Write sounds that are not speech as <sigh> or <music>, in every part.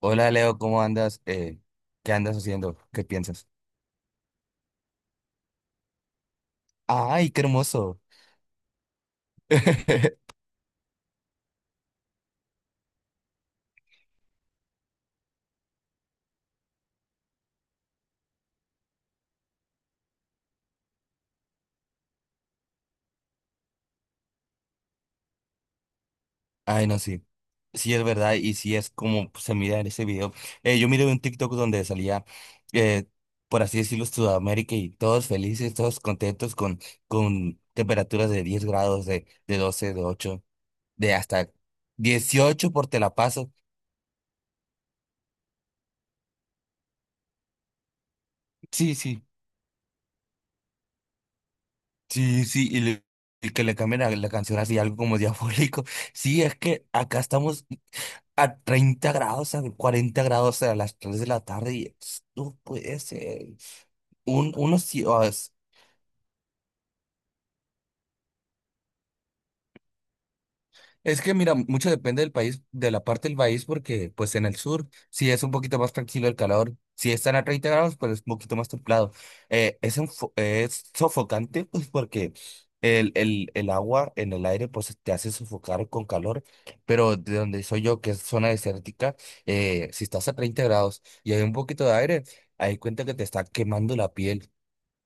Hola Leo, ¿cómo andas? ¿Qué andas haciendo? ¿Qué piensas? ¡Ay, qué hermoso! <laughs> Ay, no, sí. Sí es verdad y sí es como pues, se mira en ese video. Yo miré un TikTok donde salía, eh, por así decirlo, Sudamérica y todos felices, todos contentos con temperaturas de 10 grados, de 12, de 8, de hasta 18 por Te la paso. Sí, sí, sí, sí, y, que le cambien la canción así, algo como diabólico. Sí, es que acá estamos a 30 grados, a 40 grados a las 3 de la tarde y no puede ser. Sí, es que mira, mucho depende del país, de la parte del país, porque pues en el sur sí es un poquito más tranquilo el calor, si están a 30 grados, pues es un poquito más templado. Es sofocante, pues porque el agua en el aire pues te hace sofocar con calor, pero de donde soy yo, que es zona desértica, si estás a 30 grados y hay un poquito de aire, ahí cuenta que te está quemando la piel.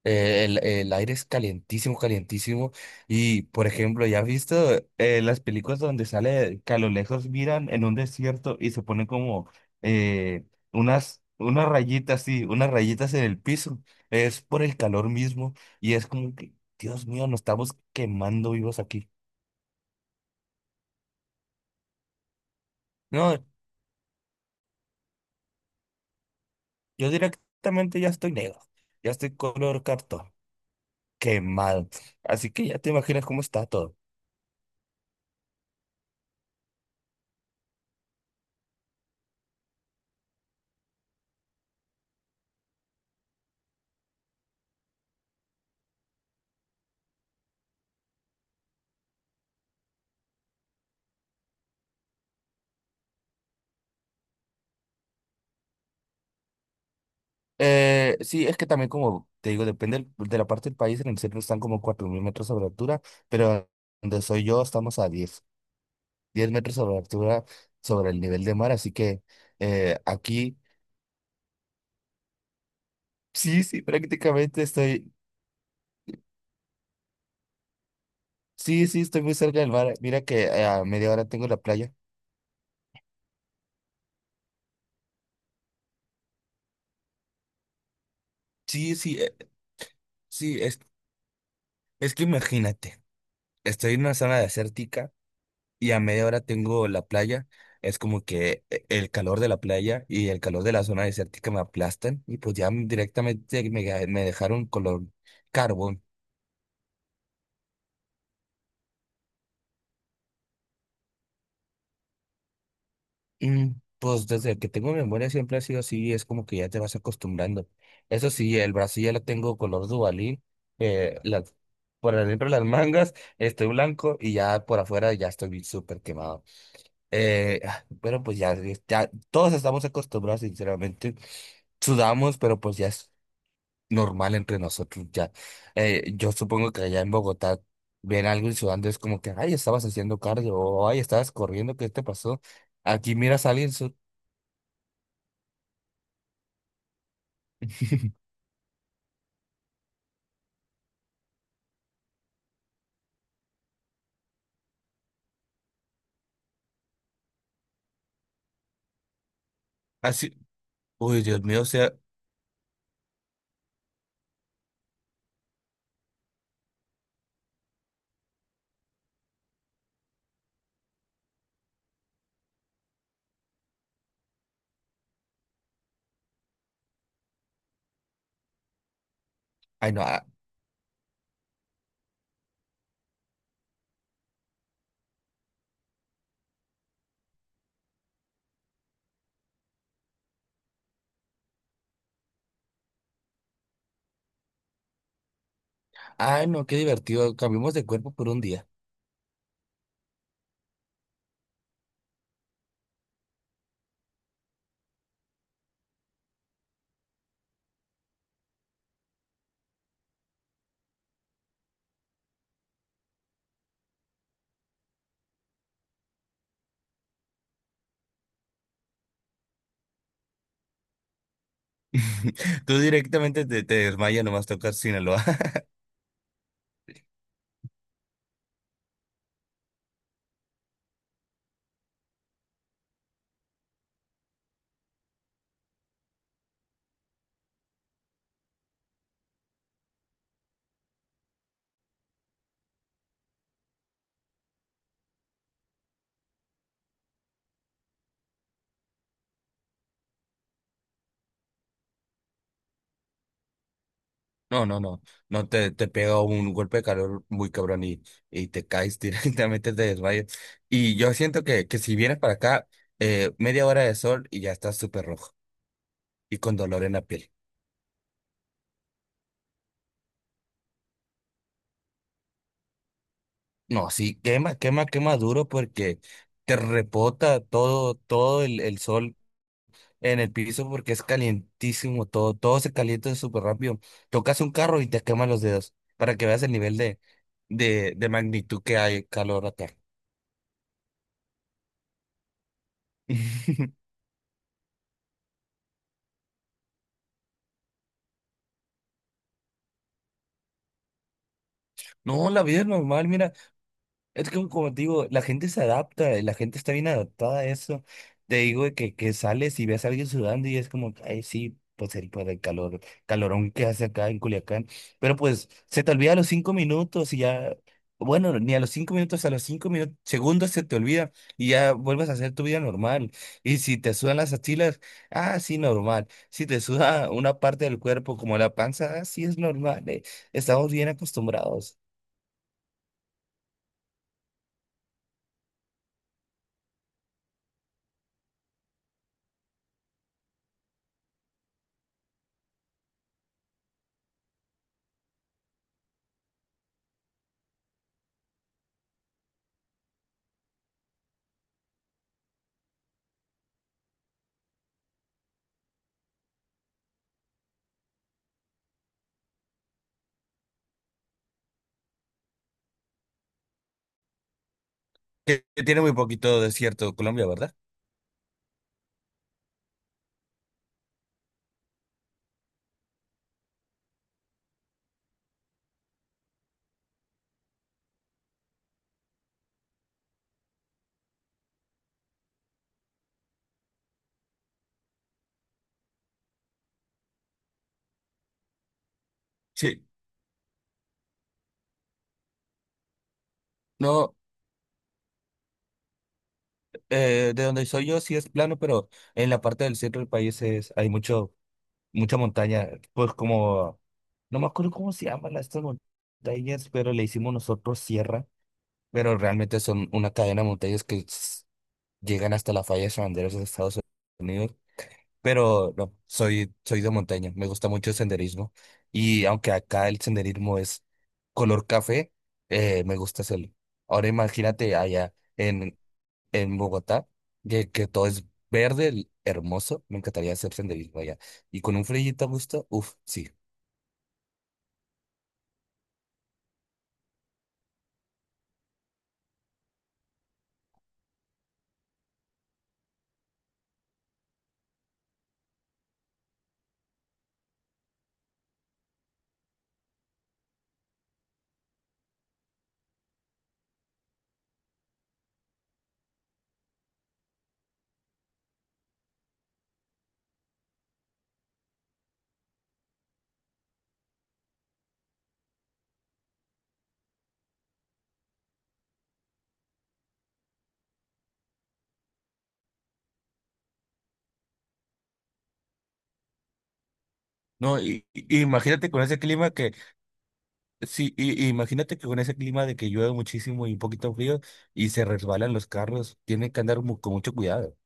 El aire es calientísimo, calientísimo. Y, por ejemplo, ¿ya has visto las películas donde sale que a lo lejos miran en un desierto y se ponen como eh, unas rayitas, sí, unas rayitas en el piso? Es por el calor mismo y es como que, Dios mío, nos estamos quemando vivos aquí. No, yo directamente ya estoy negro, ya estoy color cartón, quemado. Así que ya te imaginas cómo está todo. Sí, es que también como te digo, depende de la parte del país, en el centro están como 4.000 metros sobre altura, pero donde soy yo estamos a diez metros sobre altura sobre el nivel de mar, así que aquí sí, sí, prácticamente estoy, sí, sí, estoy muy cerca del mar, mira que a media hora tengo la playa. Sí, sí, sí, es que imagínate, estoy en una zona desértica y a media hora tengo la playa. Es como que el calor de la playa y el calor de la zona desértica me aplastan y pues ya directamente me dejaron color carbón. Mm, Pues desde que tengo memoria siempre ha sido así, es como que ya te vas acostumbrando. Eso sí, el brazo ya lo tengo color Duvalín, eh, las- por adentro las <laughs> mangas estoy blanco y ya por afuera ya estoy súper quemado. Pero pues ya, todos estamos acostumbrados, sinceramente sudamos, pero pues ya normal entre nosotros ya. Yo supongo que allá en Bogotá ven algo y sudando es como que, ay, estabas haciendo cardio, o ay, estabas corriendo, ¿qué te pasó? Aquí miras a alguien. <laughs> Así, uy, Dios mío, o sea, ay, no, ah, ay, no, qué divertido, cambiamos de cuerpo por un día. <laughs> Tú directamente te desmayas, nomás tocar Sinaloa. No, no, no, no te pega un golpe de calor muy cabrón y te caes. <laughs> Directamente te desmayas. Y yo siento que si vienes para acá, media hora de sol y ya estás súper rojo y con dolor en la piel. No, sí, quema, quema, quema duro porque te repota todo, todo el sol en el piso porque es calientísimo todo, todo se calienta súper rápido. Tocas un carro y te queman los dedos para que veas el nivel de magnitud que hay calor acá. <laughs> No, la vida es normal, mira, es que como te digo, la gente se adapta, la gente está bien adaptada a eso. Te digo de que sales y ves a alguien sudando y es como, ay, sí, pues por el calorón que hace acá en Culiacán. Pero pues se te olvida a los 5 minutos y ya, bueno, ni a los 5 minutos, a los 5 minutos, segundos se te olvida y ya vuelves a hacer tu vida normal. Y si te sudan las axilas, ah, sí, normal. Si te suda una parte del cuerpo como la panza, ah, sí, es normal. Estamos bien acostumbrados. Que tiene muy poquito desierto Colombia, ¿verdad? Sí. No, de donde soy yo sí es plano, pero en la parte del centro del país hay mucha montaña, pues como, no me acuerdo cómo se llaman estas montañas, pero le hicimos nosotros sierra, pero realmente son una cadena de montañas que llegan hasta la falla de San Andrés de Estados Unidos. Pero no, soy de montaña, me gusta mucho el senderismo y aunque acá el senderismo es color café, me gusta hacerlo. Ahora imagínate allá en Bogotá, que todo es verde, hermoso, me encantaría hacer senderismo allá. Y con un frillito a gusto, uff, sí. No, imagínate con ese clima. Sí, y imagínate que con ese clima de que llueve muchísimo y un poquito frío y se resbalan los carros, tienen que andar con mucho cuidado.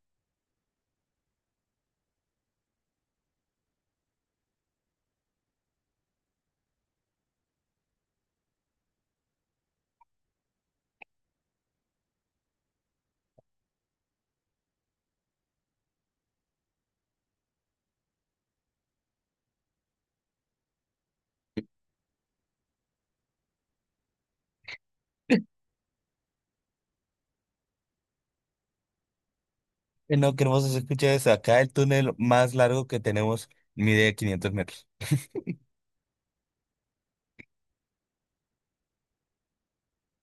No, qué hermoso se escucha eso. Acá el túnel más largo que tenemos mide 500 metros.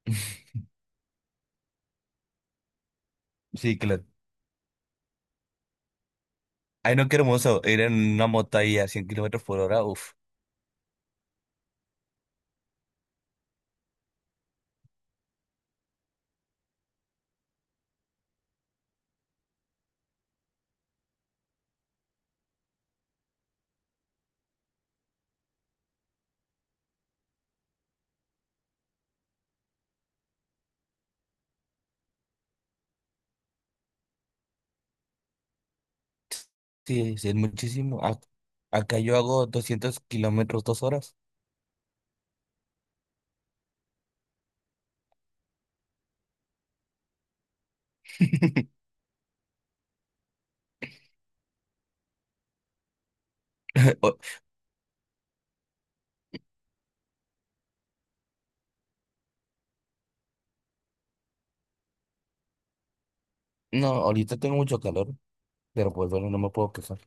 <laughs> Sí, claro. Ay, no, qué hermoso. Ir en una moto ahí a 100 kilómetros por hora. Uf. Sí, sí, es muchísimo. Acá yo hago 200 kilómetros, 2 horas. <laughs> O- No, ahorita tengo mucho calor, pero pues bueno, no me puedo quejar.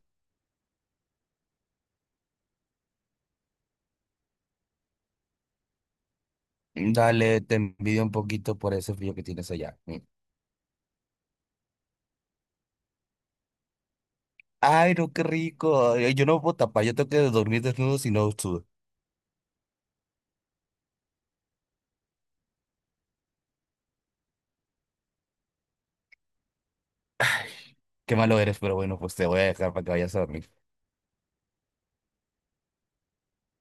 Dale, te envidio un poquito por ese frío que tienes allá. Mm. Ay, no, qué rico. Ay, yo no puedo tapar, yo tengo que dormir desnudo si no sudo. Qué malo eres, pero bueno, pues te voy a dejar para que vayas a dormir.